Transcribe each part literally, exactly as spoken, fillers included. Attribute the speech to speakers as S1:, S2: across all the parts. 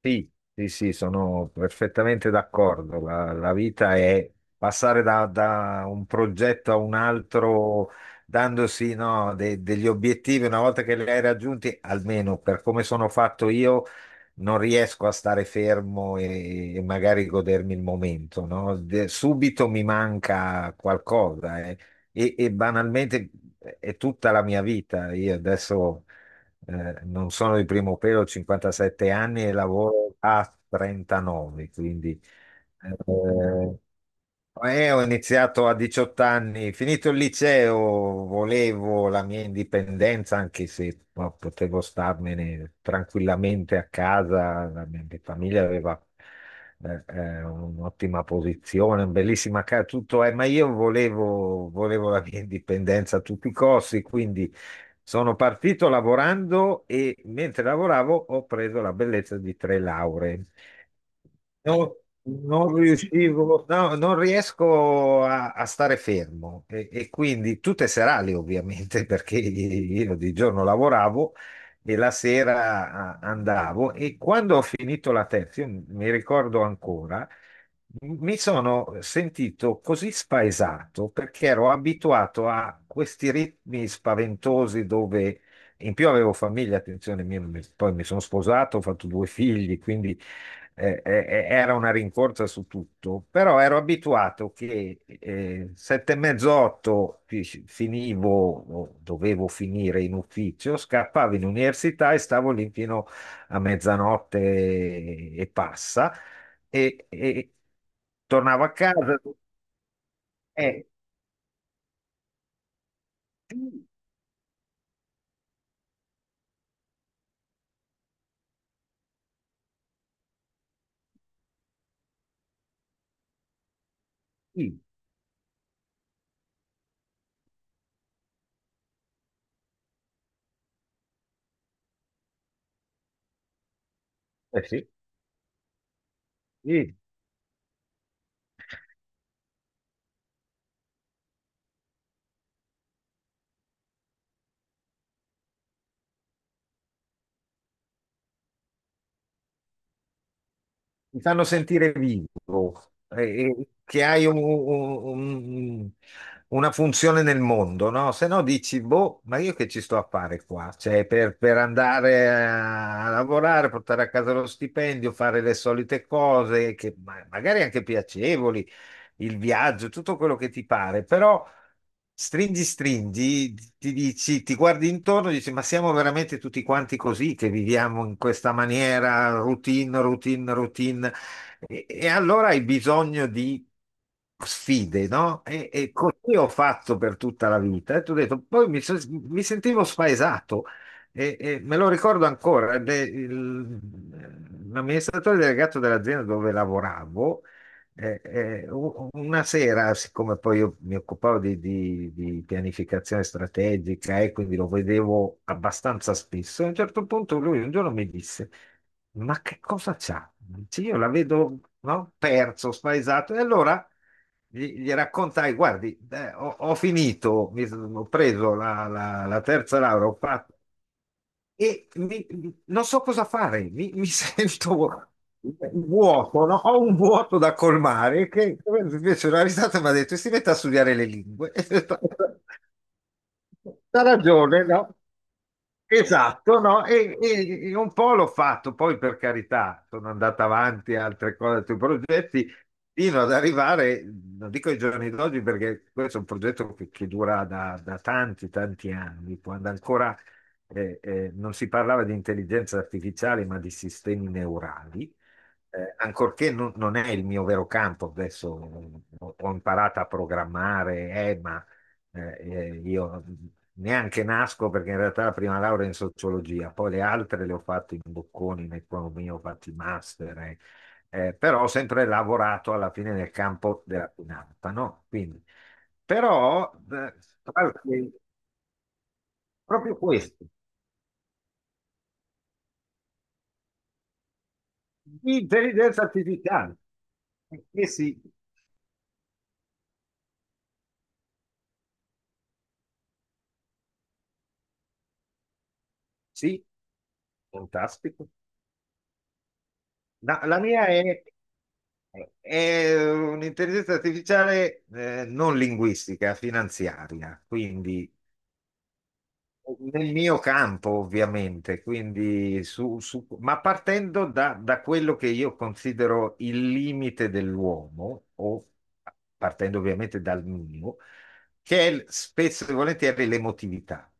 S1: Sì, sì, sì, sono perfettamente d'accordo. La, la vita è passare da, da un progetto a un altro, dandosi, no, de- degli obiettivi. Una volta che li hai raggiunti, almeno per come sono fatto io, non riesco a stare fermo e, e magari godermi il momento, no? De- subito mi manca qualcosa. Eh. E, e banalmente è tutta la mia vita. Io adesso eh, non sono di primo pelo, ho cinquantasette anni e lavoro a trentanove, quindi... eh, eh, ho iniziato a diciotto anni, finito il liceo. Volevo la mia indipendenza, anche se no, potevo starmene tranquillamente a casa. La mia mia famiglia aveva eh, eh, un'ottima posizione, una bellissima casa, tutto. Eh, ma io volevo, volevo la mia indipendenza a tutti i costi, quindi sono partito lavorando e mentre lavoravo ho preso la bellezza di tre lauree. Non, non riuscivo, no, non riesco a, a stare fermo e, e quindi tutte serali ovviamente perché io di giorno lavoravo e la sera ah, andavo, e quando ho finito la terza, io mi ricordo ancora, mi sono sentito così spaesato perché ero abituato a questi ritmi spaventosi dove in più avevo famiglia, attenzione, mi- mi- poi mi sono sposato, ho fatto due figli, quindi eh, eh, eh, era una rincorsa su tutto. Però ero abituato che eh, sette e mezzo, otto fi- finivo, o dovevo finire in ufficio, scappavo in università e stavo lì fino a mezzanotte e passa, e, e tornavo a casa. E sì, sì, eh sì, sì, mi fanno sentire vivo. Eh, e che hai un- un- una funzione nel mondo, no? Se no dici, boh, ma io che ci sto a fare qua? Cioè, per, per andare a, a lavorare, portare a casa lo stipendio, fare le solite cose, che ma- magari anche piacevoli, il viaggio, tutto quello che ti pare. Però stringi, stringi, ti dici, ti guardi intorno e dici, ma siamo veramente tutti quanti così che viviamo in questa maniera, routine, routine, routine. E, e allora hai bisogno di sfide, no? E, e così ho fatto per tutta la vita. E tu hai detto, poi mi, so- mi sentivo spaesato. E, e me lo ricordo ancora, ed è il- l'amministratore delegato dell'azienda dove lavoravo eh, eh, u- una sera, siccome poi io mi occupavo di, di- di pianificazione strategica e quindi lo vedevo abbastanza spesso, a un certo punto lui un giorno mi disse: ma che cosa c'ha? Dice, io la vedo, no, perso, spaesato. E allora gli, gli raccontai: guardi, eh, ho, ho finito, mi s- ho preso la, la- la terza laurea, ho fatto, e mi- non so cosa fare, mi, mi sento vuoto, no? Ho un vuoto da colmare che... Invece, una risata, mi ha detto: si mette a studiare le lingue. Ha ragione, no? Esatto, no? E, e- e un po' l'ho fatto, poi per carità sono andato avanti a altre cose, altri progetti, fino ad arrivare, non dico ai giorni d'oggi perché questo è un progetto che, che dura da, da tanti, tanti anni, quando ancora eh, eh, non si parlava di intelligenza artificiale ma di sistemi neurali. Eh, ancorché non, non è il mio vero campo, adesso ho, ho imparato a programmare, eh, ma... Eh, eh, io neanche nasco, perché in realtà la prima laurea è in sociologia, poi le altre le ho fatte in Bocconi, in economia, ho fatto i master, eh. Eh, però ho sempre lavorato alla fine nel campo della finanza, no? Quindi, però, eh, qualche- proprio questo, intelligenza artificiale, eh sì, sì, fantastico. No, la mia è, è un'intelligenza artificiale eh, non linguistica, finanziaria, quindi nel mio campo, ovviamente, quindi su, su- ma partendo da, da quello che io considero il limite dell'uomo, o partendo ovviamente dal mio, che è l- spesso e volentieri l'emotività.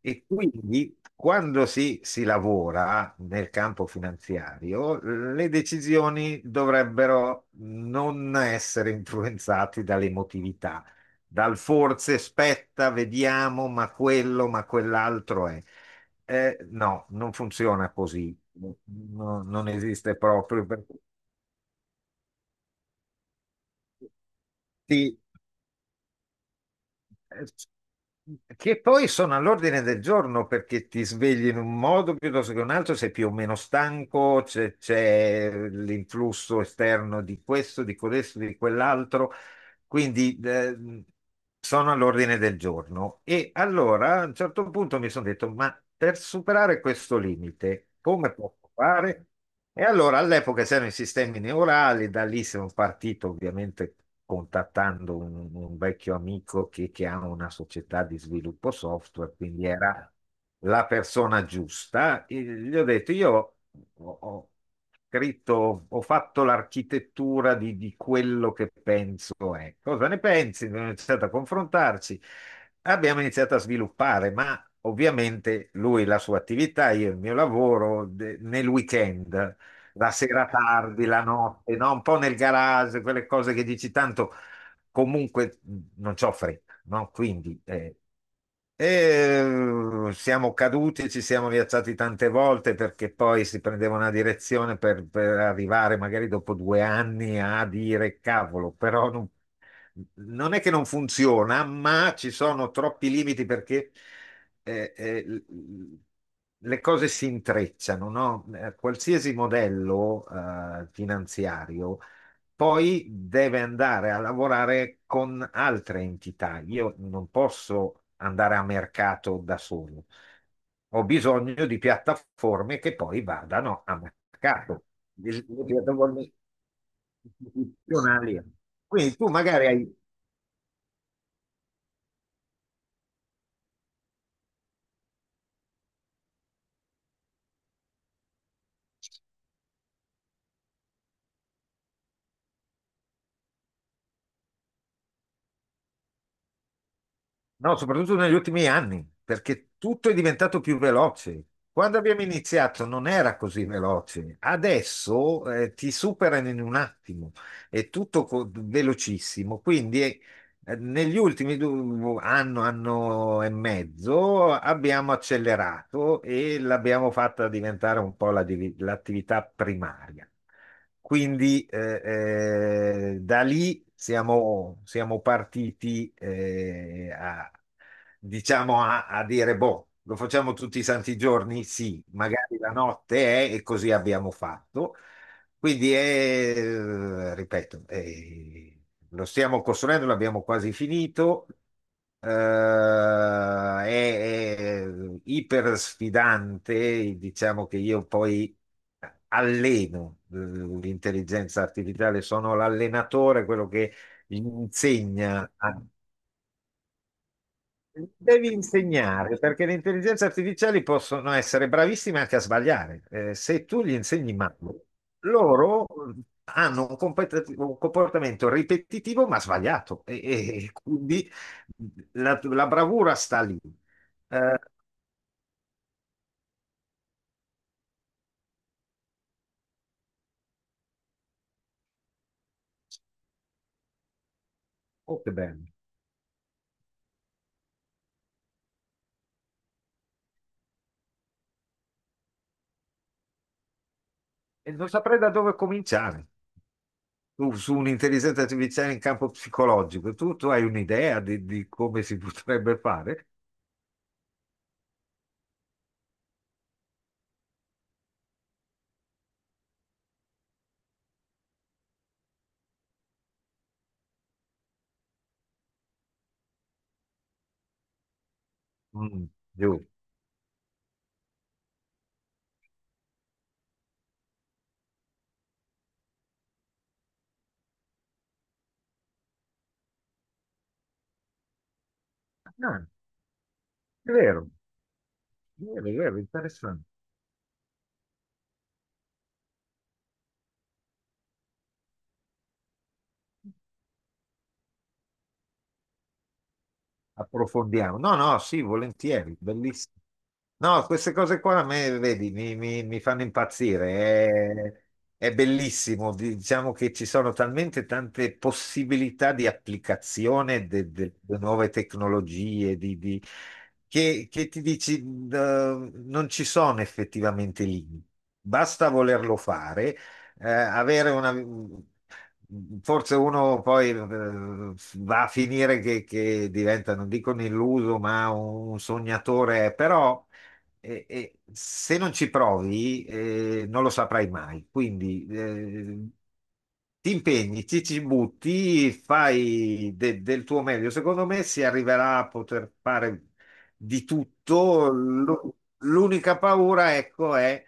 S1: E quindi quando si, si lavora nel campo finanziario, le decisioni dovrebbero non essere influenzate dall'emotività, dal forse spetta, vediamo, ma quello, ma quell'altro è... Eh no, non funziona così, no, non esiste proprio. per- ti- eh, Che poi sono all'ordine del giorno, perché ti svegli in un modo piuttosto che un altro, sei più o meno stanco, c'è c'è l'influsso esterno di questo, di questo, di quell'altro. Quindi eh, sono all'ordine del giorno. E allora a un certo punto mi sono detto, ma per superare questo limite, come posso fare? E allora all'epoca c'erano i sistemi neurali, da lì sono partito, ovviamente contattando un, un vecchio amico che, che ha una società di sviluppo software, quindi era la persona giusta. E gli ho detto, io ho, ho scritto, ho fatto l'architettura di, di quello che penso è. Cosa ne pensi? Abbiamo iniziato a confrontarci, abbiamo iniziato a sviluppare, ma ovviamente lui, la sua attività, io il mio lavoro de- nel weekend, la sera tardi, la notte, no? Un po' nel garage, quelle cose che dici tanto, comunque mh, non c'ho fretta, no? Quindi eh, e eh, siamo caduti, ci siamo rialzati tante volte perché poi si prendeva una direzione per, per arrivare magari dopo due anni a dire cavolo, però non, non è che non funziona, ma ci sono troppi limiti perché eh, eh, l- l- le cose si intrecciano, no? Eh, qualsiasi modello eh, finanziario poi deve andare a lavorare con altre entità. Io non posso andare a mercato da solo. Ho bisogno di piattaforme che poi vadano a mercato. Le le piattaforme istituzionali. Quindi tu magari hai... No, soprattutto negli ultimi anni, perché tutto è diventato più veloce. Quando abbiamo iniziato non era così veloce, adesso eh, ti superano in un attimo, è tutto co- velocissimo, quindi è... eh, Negli ultimi du- anno, anno e mezzo, abbiamo accelerato e l'abbiamo fatta diventare un po' la divi- l'attività primaria. Quindi eh, eh, da lì siamo, siamo partiti eh, a, diciamo a, a dire, boh, lo facciamo tutti i santi giorni? Sì, magari la notte è, e così abbiamo fatto. Quindi, eh, ripeto, eh, lo stiamo costruendo, l'abbiamo quasi finito. Eh, è, è iper sfidante, diciamo che io poi alleno eh, l'intelligenza artificiale, sono l'allenatore, quello che insegna a... Devi insegnare, perché le intelligenze artificiali possono essere bravissime anche a sbagliare. Eh, se tu gli insegni male, loro eh, hanno un, compet- un comportamento ripetitivo ma sbagliato, e, e- e quindi la, la bravura sta lì. Eh, oh, che bello. E non saprei da dove cominciare. Tu su un'intelligenza artificiale in campo psicologico, tu, tu hai un'idea di, di come si potrebbe fare? Mm, giusto. Ah, è vero, è vero, è vero, interessante. Approfondiamo. No, no, sì, volentieri, bellissimo. No, queste cose qua a me, vedi, mi, mi- mi fanno impazzire. È, è bellissimo. Diciamo che ci sono talmente tante possibilità di applicazione de- de- delle nuove tecnologie, di, di- che, che ti dici, eh, non ci sono effettivamente limiti. Basta volerlo fare, eh, avere una... Forse uno poi eh, va a finire che, che diventa, non dico un illuso, ma un sognatore, però eh, eh, se non ci provi eh, non lo saprai mai. Quindi eh, ti impegni, ci, ci butti, fai de- del tuo meglio. Secondo me si arriverà a poter fare di tutto. L'u- L'unica paura, ecco, è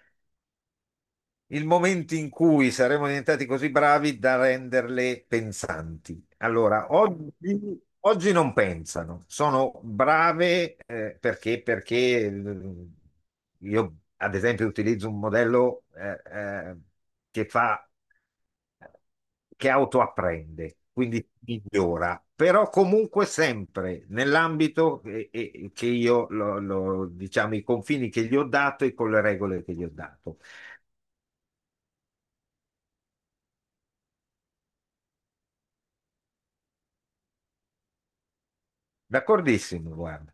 S1: il momento in cui saremo diventati così bravi da renderle pensanti. Allora, oggi, oggi non pensano, sono brave eh, perché, perché eh, io, ad esempio, utilizzo un modello eh, eh, che fa, che autoapprende, quindi migliora, però comunque sempre nell'ambito eh, eh, che io, lo- lo- diciamo, i confini che gli ho dato e con le regole che gli ho dato. D'accordissimo, guarda.